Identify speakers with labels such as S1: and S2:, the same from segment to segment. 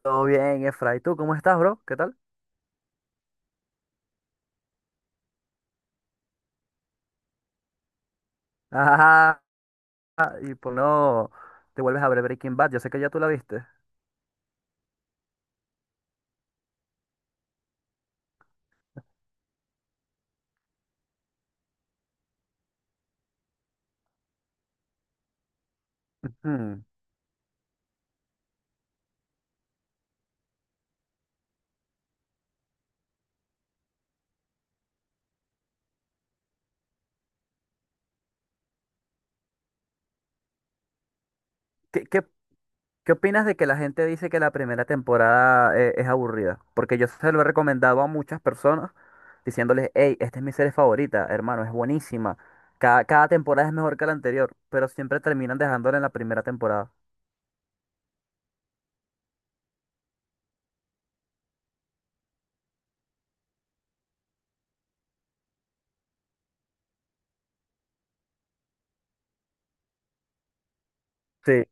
S1: Todo bien, Efra. ¿Y tú cómo estás, bro? ¿Qué tal? Ajá. Y por no te vuelves a ver Breaking Bad. Yo sé que ya tú la viste. Hmm. ¿Qué, qué, qué opinas de que la gente dice que la primera temporada es aburrida? Porque yo se lo he recomendado a muchas personas diciéndoles, hey, esta es mi serie favorita, hermano, es buenísima. Cada temporada es mejor que la anterior, pero siempre terminan dejándola en la primera temporada. Sí.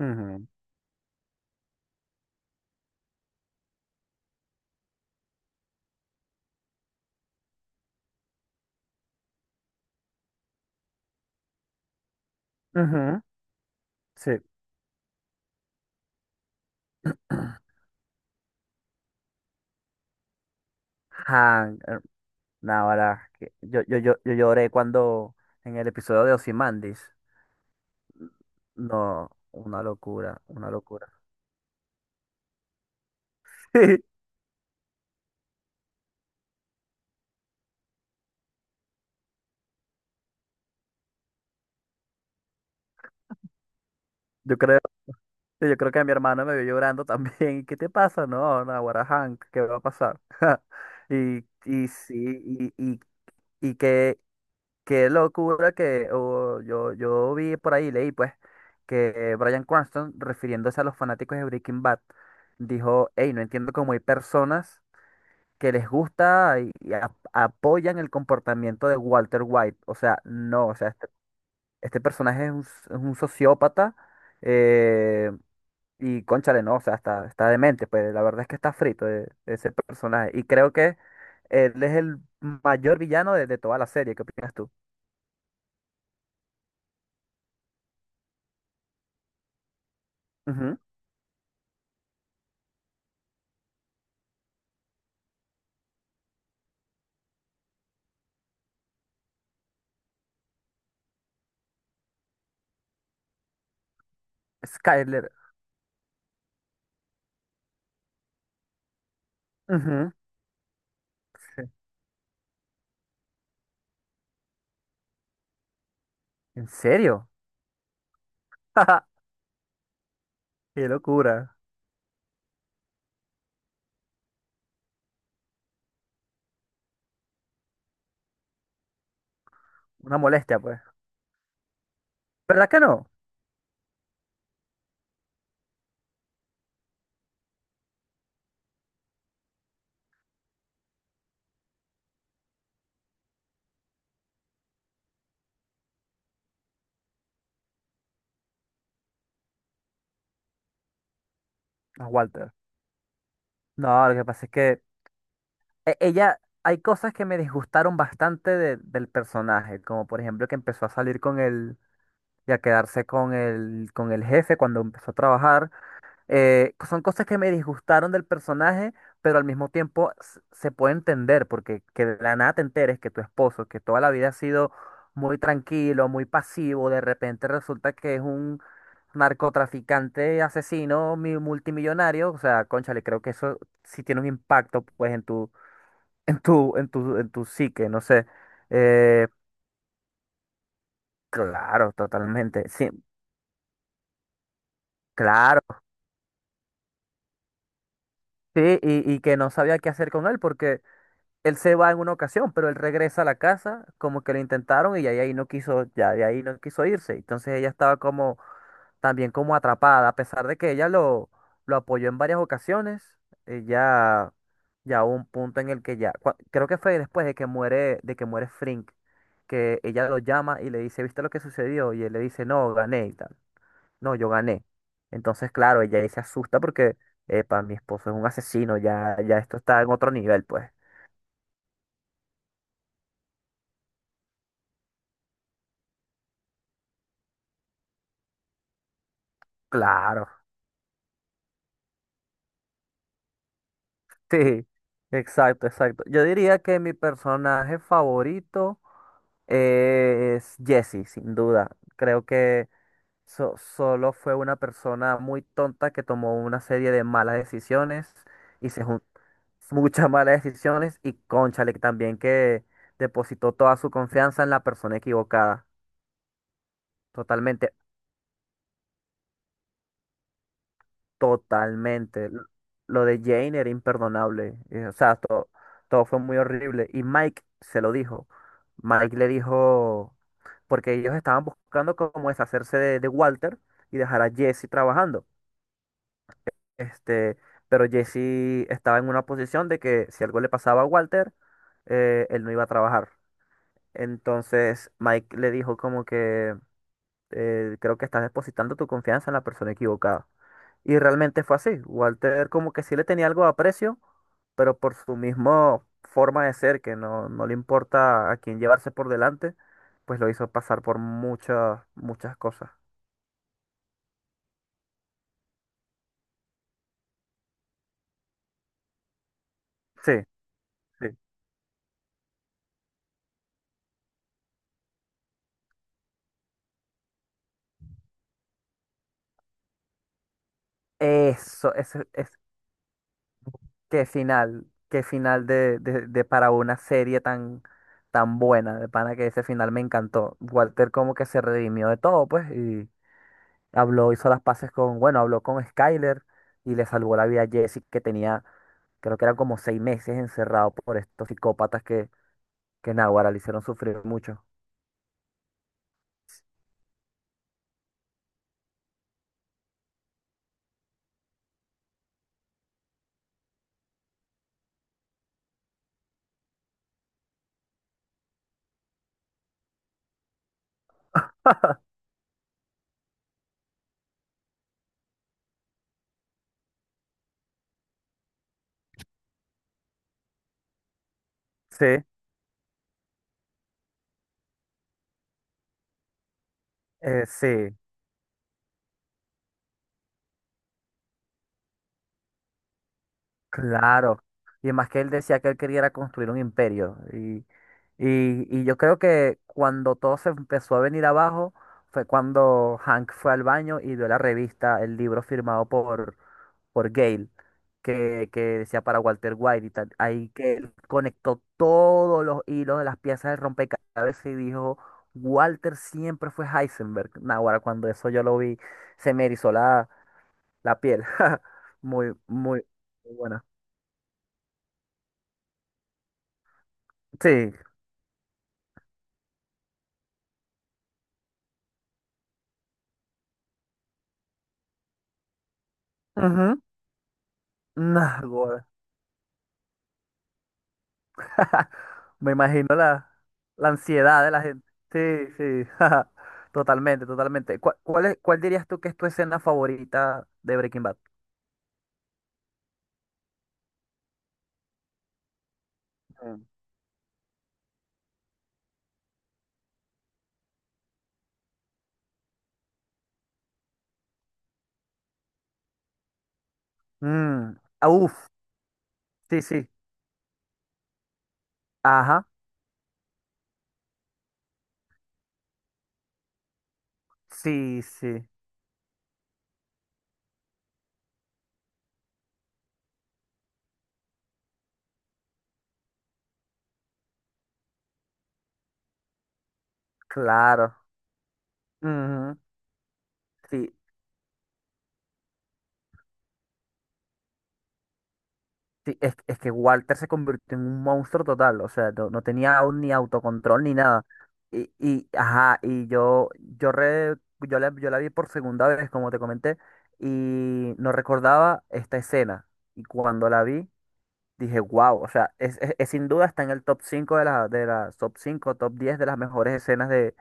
S1: Ujú. Ujú. Sí. Hank. Nah, ahora, yo lloré cuando en el episodio de Ozymandias. No, una locura, una locura. Sí, yo creo, sí, yo creo que mi hermano me vio llorando también. ¿Qué te pasa? No, no, ahora Hank, ¿qué va a pasar? Y sí, y qué locura que oh, yo vi por ahí, leí pues, que Bryan Cranston, refiriéndose a los fanáticos de Breaking Bad, dijo, hey, no entiendo cómo hay personas que les gusta y apoyan el comportamiento de Walter White. O sea, no, o sea, este, personaje es un, es un sociópata eh, y cónchale, no, o sea, está demente, pues la verdad es que está frito ese personaje. Y creo que él es el mayor villano de toda la serie. ¿Qué opinas tú? Ujú. Skyler. Ujú. Sí. ¿En serio? ¡Qué locura! Una molestia, pues. ¿Verdad que no? A Walter. No, lo que pasa es que ella, hay cosas que me disgustaron bastante del personaje, como por ejemplo que empezó a salir con él y a quedarse con el jefe cuando empezó a trabajar. Son cosas que me disgustaron del personaje, pero al mismo tiempo se puede entender, porque que de la nada te enteres que tu esposo, que toda la vida ha sido muy tranquilo, muy pasivo, de repente resulta que es un narcotraficante asesino multimillonario, o sea, cónchale, creo que eso sí tiene un impacto pues en tu psique, no sé. Eh, claro, totalmente. Sí, claro. Sí, y que no sabía qué hacer con él porque él se va en una ocasión, pero él regresa a la casa, como que lo intentaron y ya de ahí no quiso, ya de ahí no quiso irse. Entonces ella estaba como también como atrapada, a pesar de que ella lo apoyó en varias ocasiones. Ella ya hubo un punto en el que ya, creo que fue después de que muere, Frink, que ella lo llama y le dice, ¿viste lo que sucedió? Y él le dice, no, gané y tal. No, yo gané. Entonces, claro, ella ahí se asusta porque, epa, mi esposo es un asesino, ya, ya esto está en otro nivel, pues. Claro. Sí, exacto, exacto. Yo diría que mi personaje favorito es Jesse, sin duda. Creo que solo fue una persona muy tonta que tomó una serie de malas decisiones y se juntó muchas malas decisiones y cónchale también que depositó toda su confianza en la persona equivocada. Totalmente. Totalmente. Lo de Jane era imperdonable. O sea, todo fue muy horrible. Y Mike se lo dijo. Mike le dijo, porque ellos estaban buscando como deshacerse de Walter y dejar a Jesse trabajando. Este, pero Jesse estaba en una posición de que si algo le pasaba a Walter, él no iba a trabajar. Entonces Mike le dijo como que creo que estás depositando tu confianza en la persona equivocada. Y realmente fue así. Walter como que sí le tenía algo de aprecio, pero por su misma forma de ser, que no, no le importa a quién llevarse por delante, pues lo hizo pasar por muchas, muchas cosas. Sí, sí. Ese es qué final de para una serie tan, tan buena, de pana que ese final me encantó. Walter como que se redimió de todo, pues, y hizo las paces con, bueno, habló con Skyler y le salvó la vida a Jesse. Que tenía Creo que eran como 6 meses encerrado por estos psicópatas que Naguará le hicieron sufrir mucho. Sí, sí. Claro, y más que él decía que él quería era construir un imperio. Y yo creo que cuando todo se empezó a venir abajo fue cuando Hank fue al baño y vio la revista, el libro firmado por Gale, que decía para Walter White y tal. Ahí que él conectó todos los hilos de las piezas de rompecabezas y dijo, Walter siempre fue Heisenberg. Naguará cuando eso yo lo vi, se me erizó la piel. Muy, muy, muy buena. Sí. Ujú. Nah, gorda. Me imagino la ansiedad de la gente. Sí, sí. Totalmente, totalmente. ¿Cuál dirías tú que es tu escena favorita de Breaking Bad? Mm. Mm, ah, Uf, sí, sí. Ajá. Sí, sí. Claro. Ujú. Sí, sí, es que Walter se convirtió en un monstruo total, o sea, no, no tenía aún ni autocontrol ni nada. Y ajá, y yo la vi por segunda vez, como te comenté, y no recordaba esta escena. Y cuando la vi, dije, wow, o sea, es sin duda está en el top 5 de la top 5 top 10 de las mejores escenas de,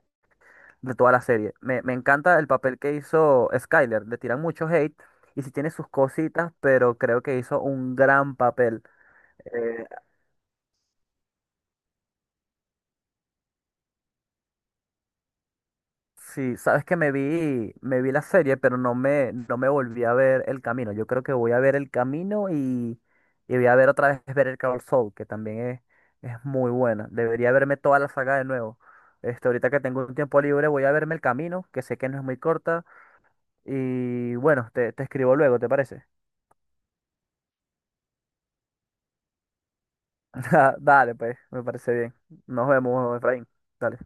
S1: de toda la serie. Me encanta el papel que hizo Skyler, le tiran mucho hate y sí tiene sus cositas, pero creo que hizo un gran papel. eh, Sí, sabes que me vi la serie, pero no me volví a ver El Camino. Yo creo que voy a ver El Camino y voy a ver otra vez Better Call Saul, que también es muy buena. Debería verme toda la saga de nuevo. Este, ahorita que tengo un tiempo libre, voy a verme El Camino, que sé que no es muy corta. Y bueno, te escribo luego, ¿te parece? Dale, pues, me parece bien. Nos vemos, Efraín. Dale.